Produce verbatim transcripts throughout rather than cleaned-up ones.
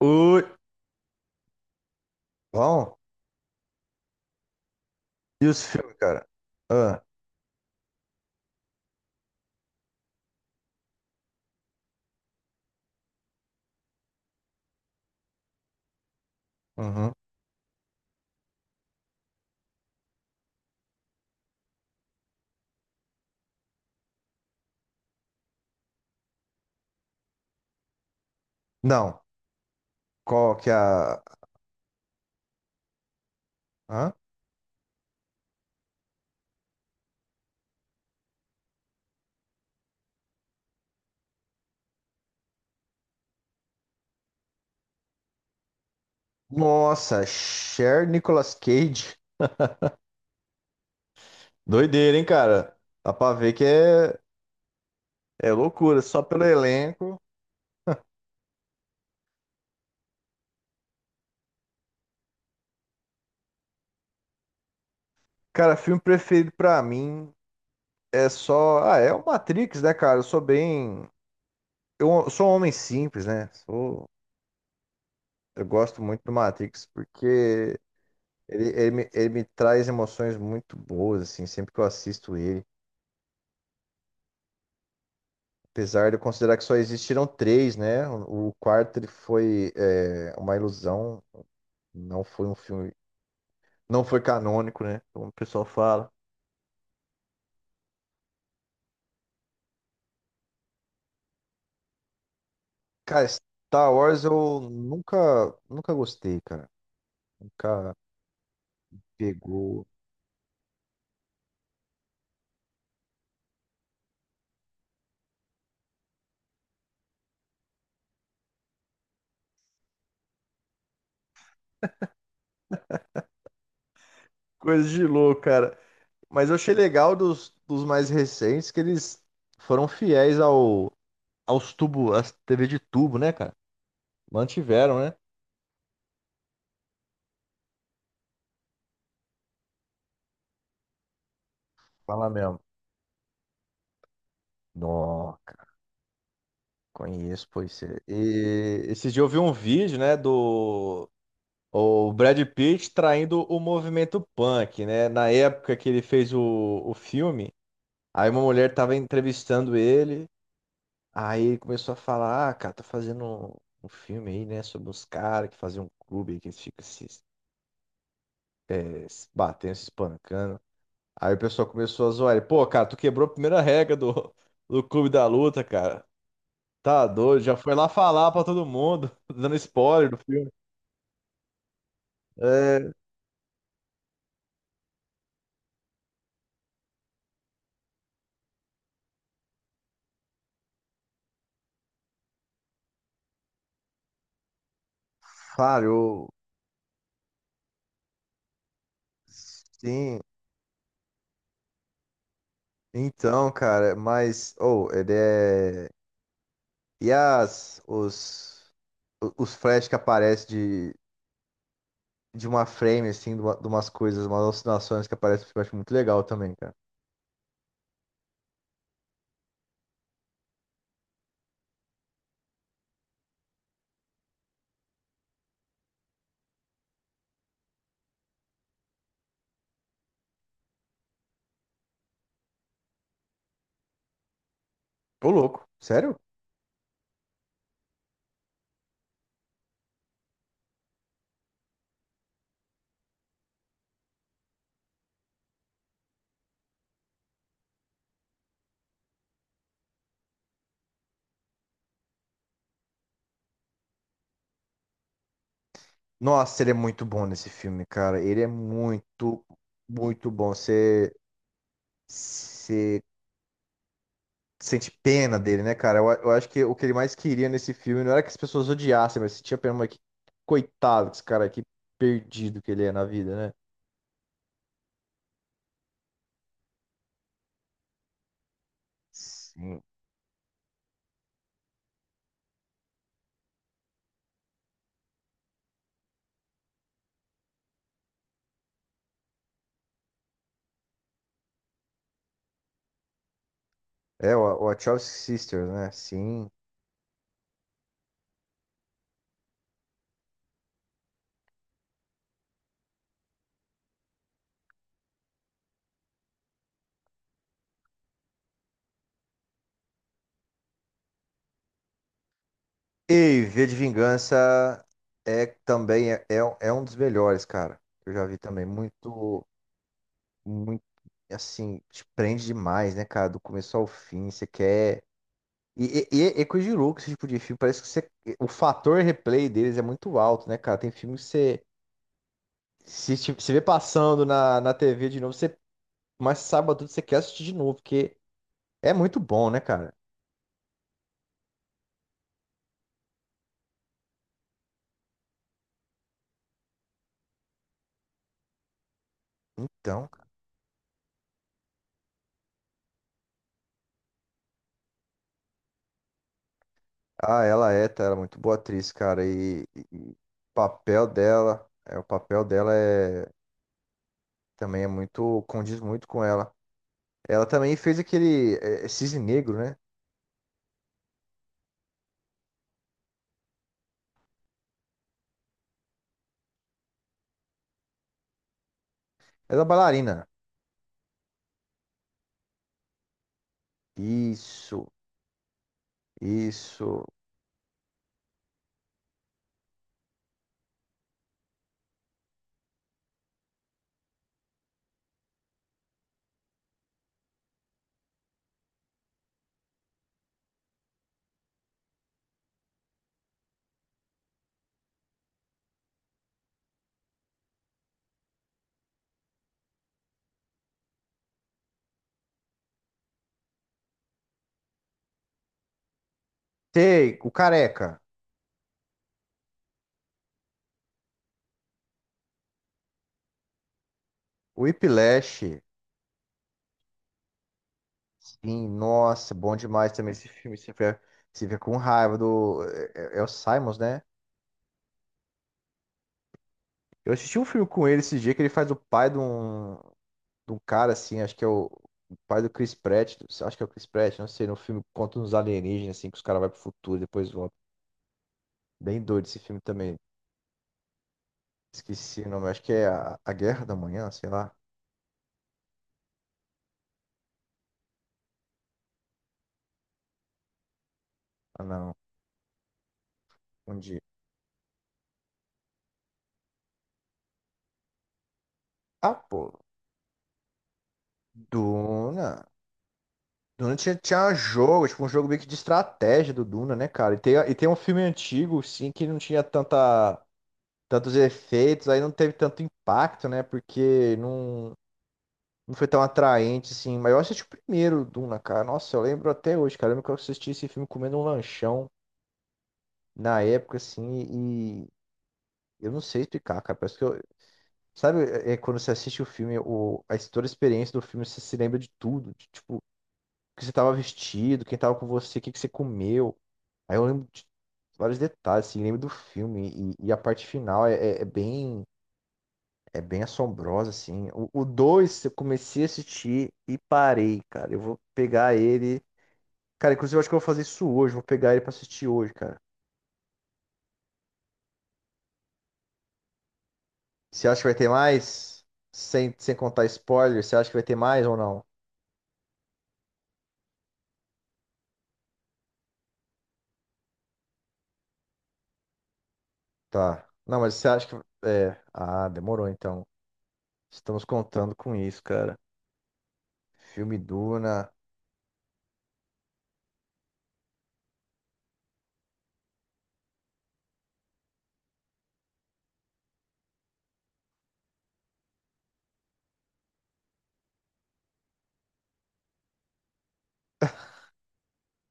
Oi. Bom, e os filmes, cara? Ah, uhum. Não, qual que é a... Hã? Nossa, Cher Nicolas Cage. Doideira, hein, cara? Dá pra ver que é, é loucura, só pelo elenco. Cara, filme preferido pra mim é só... Ah, é o Matrix, né, cara? Eu sou bem... Eu sou um homem simples, né? Sou... Eu gosto muito do Matrix porque ele, ele me, ele me traz emoções muito boas, assim, sempre que eu assisto ele. Apesar de eu considerar que só existiram três, né? O o quarto ele foi é, uma ilusão, não foi um filme, não foi canônico, né? Como o pessoal fala. Cara, Star Wars eu nunca, nunca gostei, cara. Nunca pegou. Coisa de louco, cara. Mas eu achei legal dos, dos mais recentes que eles foram fiéis ao, aos tubos, às T V de tubo, né, cara? Mantiveram, né? Fala mesmo. Nossa. Conheço, pois é. E esses dias eu vi um vídeo, né, do o Brad Pitt traindo o movimento punk, né? Na época que ele fez o, o filme, aí uma mulher tava entrevistando ele, aí ele começou a falar, ah, cara, tô fazendo um, um filme aí, né, sobre os caras que fazem um clube aí que eles ficam se, é, se batendo, se espancando. Aí o pessoal começou a zoar ele, pô, cara, tu quebrou a primeira regra do, do Clube da Luta, cara. Tá doido, já foi lá falar pra todo mundo, dando spoiler do filme. É, falhou. Sim. Então, cara, mas. Oh, ele é. E as. Os. o- Os flash que aparecem de. De uma frame, assim, de, uma- de umas coisas, umas alucinações que aparecem, eu acho muito legal também, cara. Ô, louco. Sério? Nossa, ele é muito bom nesse filme, cara. Ele é muito, muito bom. Você. Sente pena dele, né, cara? Eu, eu acho que o que ele mais queria nesse filme não era que as pessoas odiassem, mas sentia pena, mas que coitado desse cara aqui, perdido que ele é na vida, né? Sim. É, o o Wachowski Sisters, né? Sim. E V de Vingança é também é, é um é um dos melhores, cara. Eu já vi também. Muito, muito, assim, te prende demais, né, cara? Do começo ao fim, você quer. E, e, e é é coisa de louco esse tipo de filme. Parece que você- o fator replay deles é muito alto, né, cara? Tem filme que você. Se ti- se vê passando na, na T V de novo, você. Mas sábado você quer assistir de novo, porque é muito bom, né, cara? Então. Ah, ela é, tá? Ela é muito boa atriz, cara. E, e- e o papel dela. É, o papel dela é. Também é muito. Condiz muito com ela. Ela também fez aquele. É, é Cisne Negro, né? Ela é bailarina. Isso. Isso. Sei, o careca. O Whiplash, sim, nossa, bom demais também esse filme. Você fica, você fica com raiva do. É, é é o Simons, né? Eu assisti um filme com ele esse dia que ele faz o pai de um, de um cara, assim, acho que é o, o pai do Chris Pratt. Acho que é o Chris Pratt, não sei. No filme conta uns alienígenas, assim, que os caras vão pro futuro e depois voltam. Bem doido esse filme também. Esqueci o nome, acho que é A, A Guerra da Manhã, sei lá. Ah, não. Um dia. Ah, pô. Duna. Duna tinha, tinha jogo, tipo, um jogo meio que de estratégia do Duna, né, cara? E tem, e tem um filme antigo, sim, que não tinha tanta, tantos efeitos, aí não teve tanto impacto, né? Porque não, não foi tão atraente, assim. Mas eu assisti o primeiro Duna, cara. Nossa, eu lembro até hoje, cara. Eu lembro que eu assisti esse filme comendo um lanchão na época, assim, e eu não sei explicar, cara. Parece que eu. Sabe, é é quando você assiste o filme, o, a, toda a experiência do filme, você se lembra de tudo. De, tipo, que você estava vestido, quem estava com você, o que que você comeu. Aí eu lembro de vários detalhes, assim, lembro do filme. E, e a parte final é, é- é bem, é bem assombrosa, assim. O dois eu comecei a assistir e parei, cara. Eu vou pegar ele. Cara, inclusive eu acho que eu vou fazer isso hoje. Vou pegar ele pra assistir hoje, cara. Você acha que vai ter mais? Sem, sem contar spoiler, você acha que vai ter mais ou não? Tá. Não, mas você acha que. É. Ah, demorou então. Estamos contando com isso, cara. Filme Duna.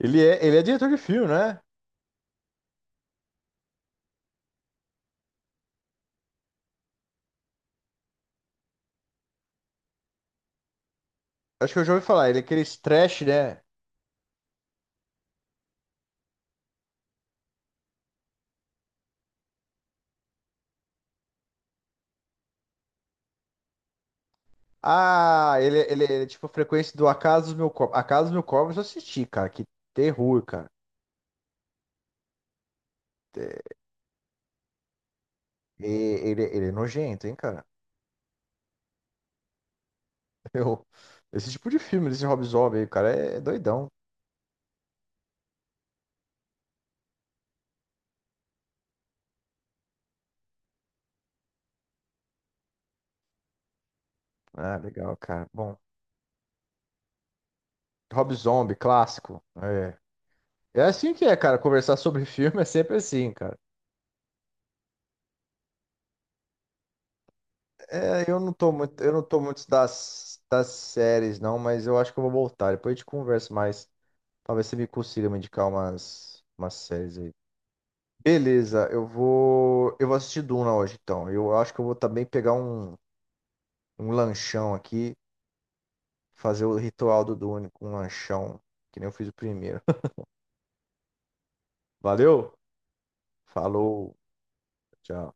Ele é, ele é diretor de filme, né? Acho que eu já ouvi falar. Ele é aquele trash, né? Ah, ele, ele, ele é tipo a frequência do Acaso dos Mil Corpos. Acaso dos Mil Corpos eu assisti, cara. Que terror, cara. É, e- Ele, ele é nojento, hein, cara? Eu, esse tipo de filme, esse Rob Zombie aí, cara, é doidão. Ah, legal, cara. Bom, Rob Zombie, clássico. É. É assim que é, cara. Conversar sobre filme é sempre assim, cara. É, eu não tô muito, eu não tô muito das, das séries, não, mas eu acho que eu vou voltar. Depois a gente conversa mais. Talvez você me consiga me indicar umas, umas séries aí. Beleza, eu vou. Eu vou assistir Duna hoje, então. Eu acho que eu vou também pegar um, um lanchão aqui, fazer o ritual do Dune com um lanchão, que nem eu fiz o primeiro. Valeu? Falou, tchau.